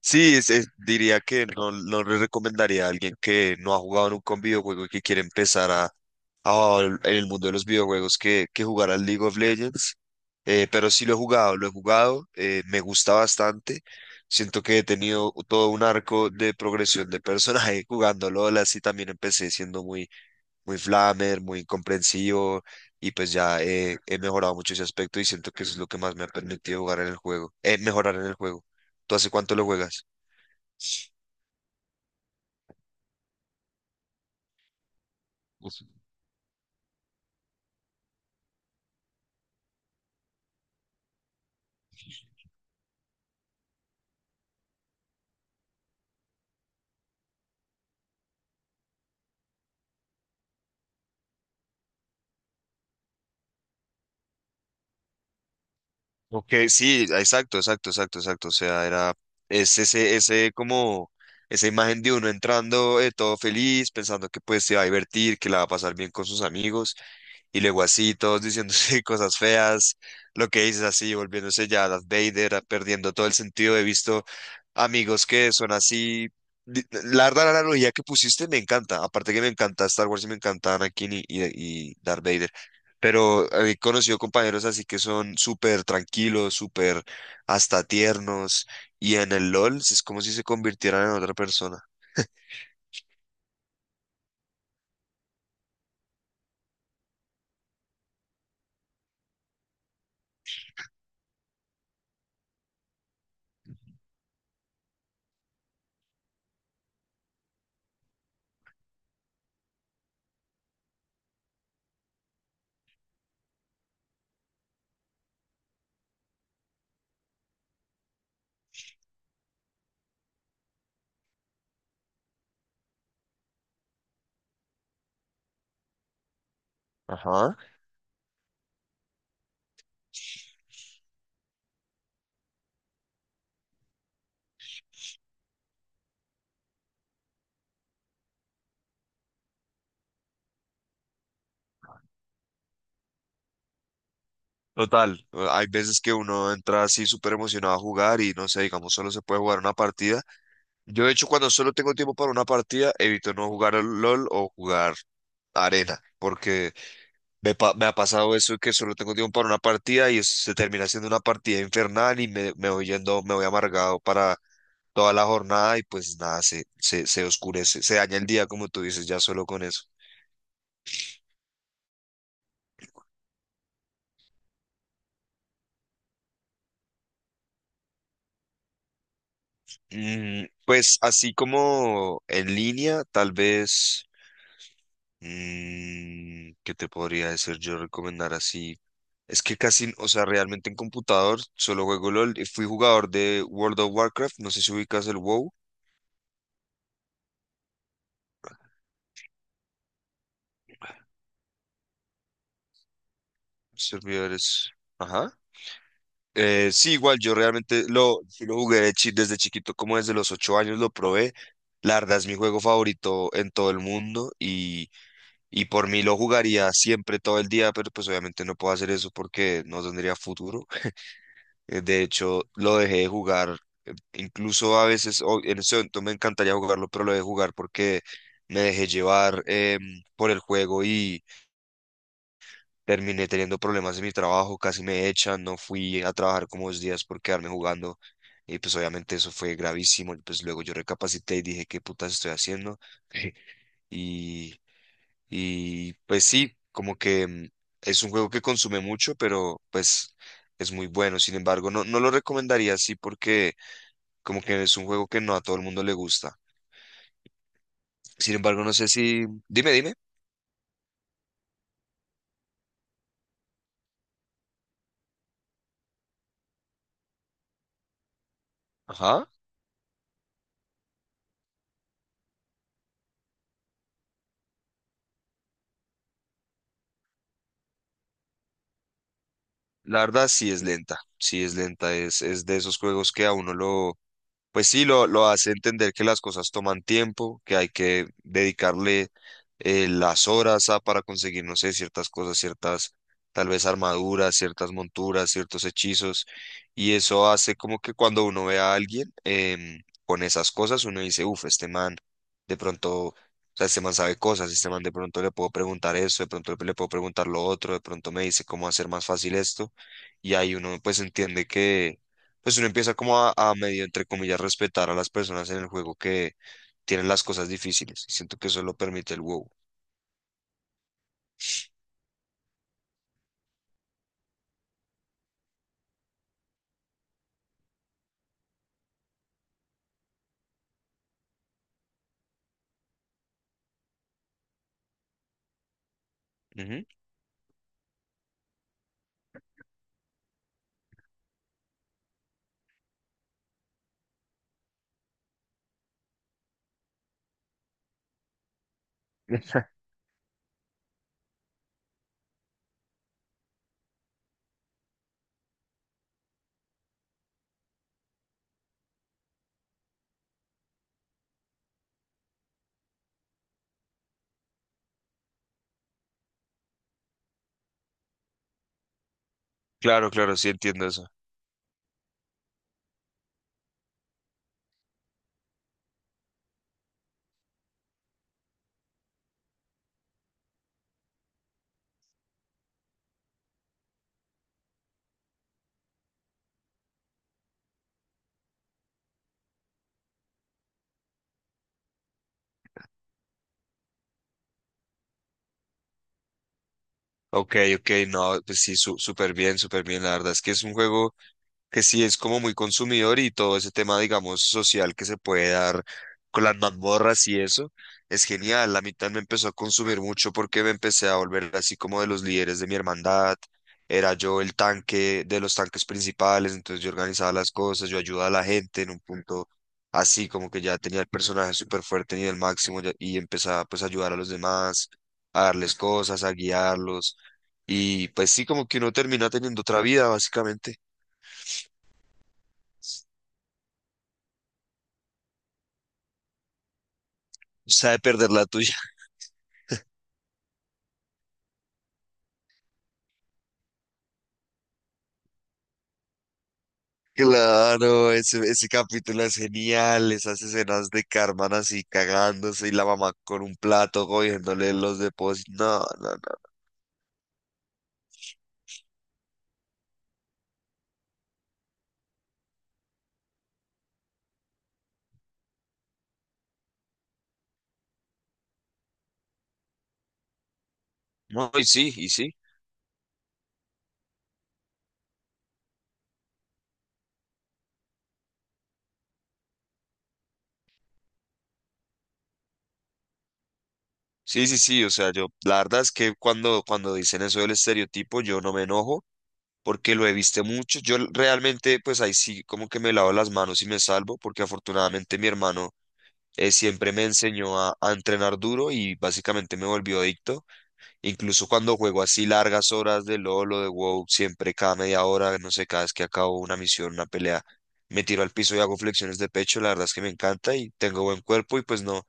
Sí, diría que no, no le recomendaría a alguien que no ha jugado nunca un videojuego y que quiere empezar en el mundo de los videojuegos que jugar al League of Legends. Pero sí lo he jugado, me gusta bastante. Siento que he tenido todo un arco de progresión de personaje jugando LOL, así también empecé siendo muy flamer, muy incomprensivo y pues ya he mejorado mucho ese aspecto y siento que eso es lo que más me ha permitido jugar en el juego, mejorar en el juego. ¿Tú hace cuánto lo juegas? Ok, sí, exacto, exacto, exacto, exacto. O sea, era es ese como esa imagen de uno entrando todo feliz, pensando que pues se va a divertir, que la va a pasar bien con sus amigos. Y luego así, todos diciéndose cosas feas, lo que dices así, volviéndose ya Darth Vader, perdiendo todo el sentido. He visto amigos que son así. La verdad, la analogía que pusiste me encanta. Aparte que me encanta Star Wars y me encanta Anakin y Darth Vader. Pero he conocido compañeros así que son súper tranquilos, súper hasta tiernos. Y en el LOL es como si se convirtieran en otra persona. Ajá. Total, hay veces que uno entra así súper emocionado a jugar y no sé, digamos, solo se puede jugar una partida. Yo, de hecho, cuando solo tengo tiempo para una partida, evito no jugar al LOL o jugar arena, porque me ha pasado eso que solo tengo tiempo para una partida y eso se termina siendo una partida infernal y me voy yendo, me voy amargado para toda la jornada y pues nada, se oscurece, se daña el día, como tú dices, ya solo con eso. Mm, pues así como en línea, tal vez. Mm, ¿qué te podría decir yo recomendar así? Es que casi, o sea, realmente en computador solo juego LOL. Y fui jugador de World of Warcraft, no sé si ubicas el WoW. Servidores. Ajá. Sí, igual, yo realmente lo, sí lo jugué de desde chiquito, como desde los 8 años lo probé. La verdad es mi juego favorito en todo el mundo y por mí lo jugaría siempre, todo el día, pero pues obviamente no puedo hacer eso porque no tendría futuro. De hecho, lo dejé de jugar. Incluso a veces, en ese momento me encantaría jugarlo, pero lo dejé de jugar porque me dejé llevar por el juego y terminé teniendo problemas en mi trabajo. Casi me echan, no fui a trabajar como 2 días por quedarme jugando. Y pues obviamente eso fue gravísimo. Pues luego yo recapacité y dije, ¿qué putas estoy haciendo? Y, y pues sí, como que es un juego que consume mucho, pero pues es muy bueno. Sin embargo, no, no lo recomendaría así porque como que es un juego que no a todo el mundo le gusta. Sin embargo, no sé si... Dime, dime. Ajá. La verdad sí es lenta. Sí es lenta. Es de esos juegos que a uno lo, pues sí, lo hace entender que las cosas toman tiempo, que hay que dedicarle las horas a, para conseguir, no sé, ciertas cosas, tal vez armaduras, ciertas monturas, ciertos hechizos. Y eso hace como que cuando uno ve a alguien con esas cosas, uno dice, uff, este man de pronto, o sea, este man sabe cosas, este man de pronto le puedo preguntar eso, de pronto le puedo preguntar lo otro, de pronto me dice cómo hacer más fácil esto. Y ahí uno pues entiende que pues uno empieza como a medio, entre comillas, respetar a las personas en el juego que tienen las cosas difíciles. Y siento que eso lo permite el WoW. Ujú. Claro, claro, sí entiendo eso. Ok, ok, no, pues sí, súper bien, súper bien. La verdad es que es un juego que sí es como muy consumidor y todo ese tema, digamos, social que se puede dar con las mazmorras y eso, es genial. La mitad me empezó a consumir mucho porque me empecé a volver así como de los líderes de mi hermandad. Era yo el tanque de los tanques principales, entonces yo organizaba las cosas, yo ayudaba a la gente en un punto así, como que ya tenía el personaje súper fuerte ni el máximo y empezaba pues a ayudar a los demás, a darles cosas, a guiarlos. Y pues sí, como que uno termina teniendo otra vida, básicamente. Sabe perder la tuya. Claro, ese capítulo es genial, esas escenas de Carmen así cagándose y la mamá con un plato cogiéndole los depósitos. No, no, no. No, No, y sí, y sí. Sí, sí, sí. O sea, yo, la verdad es que cuando dicen eso del estereotipo, yo no me enojo porque lo he visto mucho. Yo realmente, pues ahí sí, como que me lavo las manos y me salvo porque afortunadamente mi hermano siempre me enseñó a entrenar duro y básicamente me volvió adicto. Incluso cuando juego así largas horas de LOL o de WoW, siempre cada media hora, no sé, cada vez que acabo una misión, una pelea, me tiro al piso y hago flexiones de pecho, la verdad es que me encanta y tengo buen cuerpo y pues no,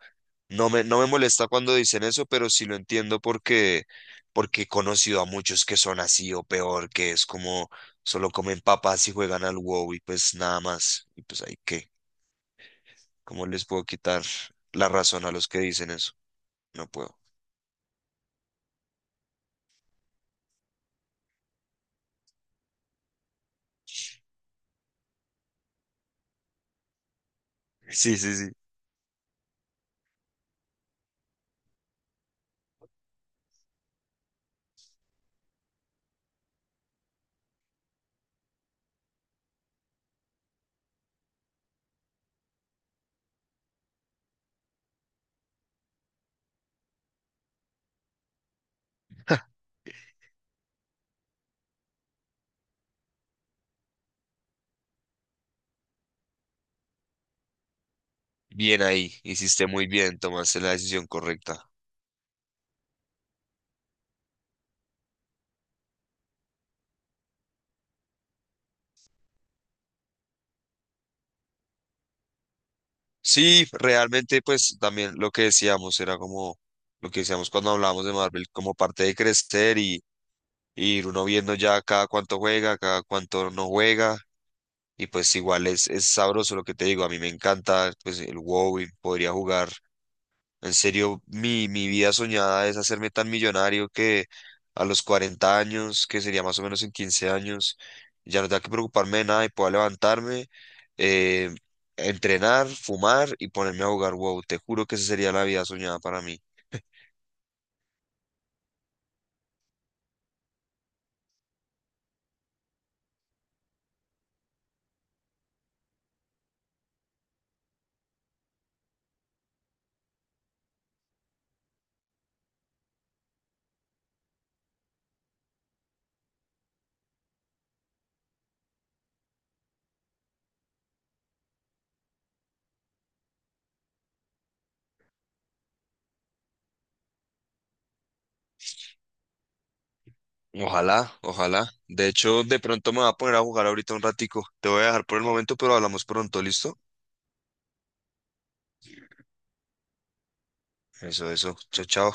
no me molesta cuando dicen eso, pero sí lo entiendo porque he conocido a muchos que son así o peor, que es como solo comen papas y juegan al WoW y pues nada más. Y pues ahí qué, ¿cómo les puedo quitar la razón a los que dicen eso? No puedo. Sí, sí, sí. Bien ahí, hiciste muy bien, tomaste la decisión correcta. Sí, realmente pues también lo que decíamos era como lo que decíamos cuando hablábamos de Marvel, como parte de crecer y ir uno viendo ya cada cuánto juega, cada cuánto no juega y pues igual es sabroso lo que te digo, a mí me encanta pues el WoW y podría jugar. En serio, mi vida soñada es hacerme tan millonario que a los 40 años, que sería más o menos en 15 años, ya no tenga que preocuparme de nada y pueda levantarme eh, entrenar, fumar y ponerme a jugar WoW. Te juro que esa sería la vida soñada para mí. Ojalá, ojalá. De hecho, de pronto me voy a poner a jugar ahorita un ratico. Te voy a dejar por el momento, pero hablamos pronto, ¿listo? Eso, eso. Chao, chao.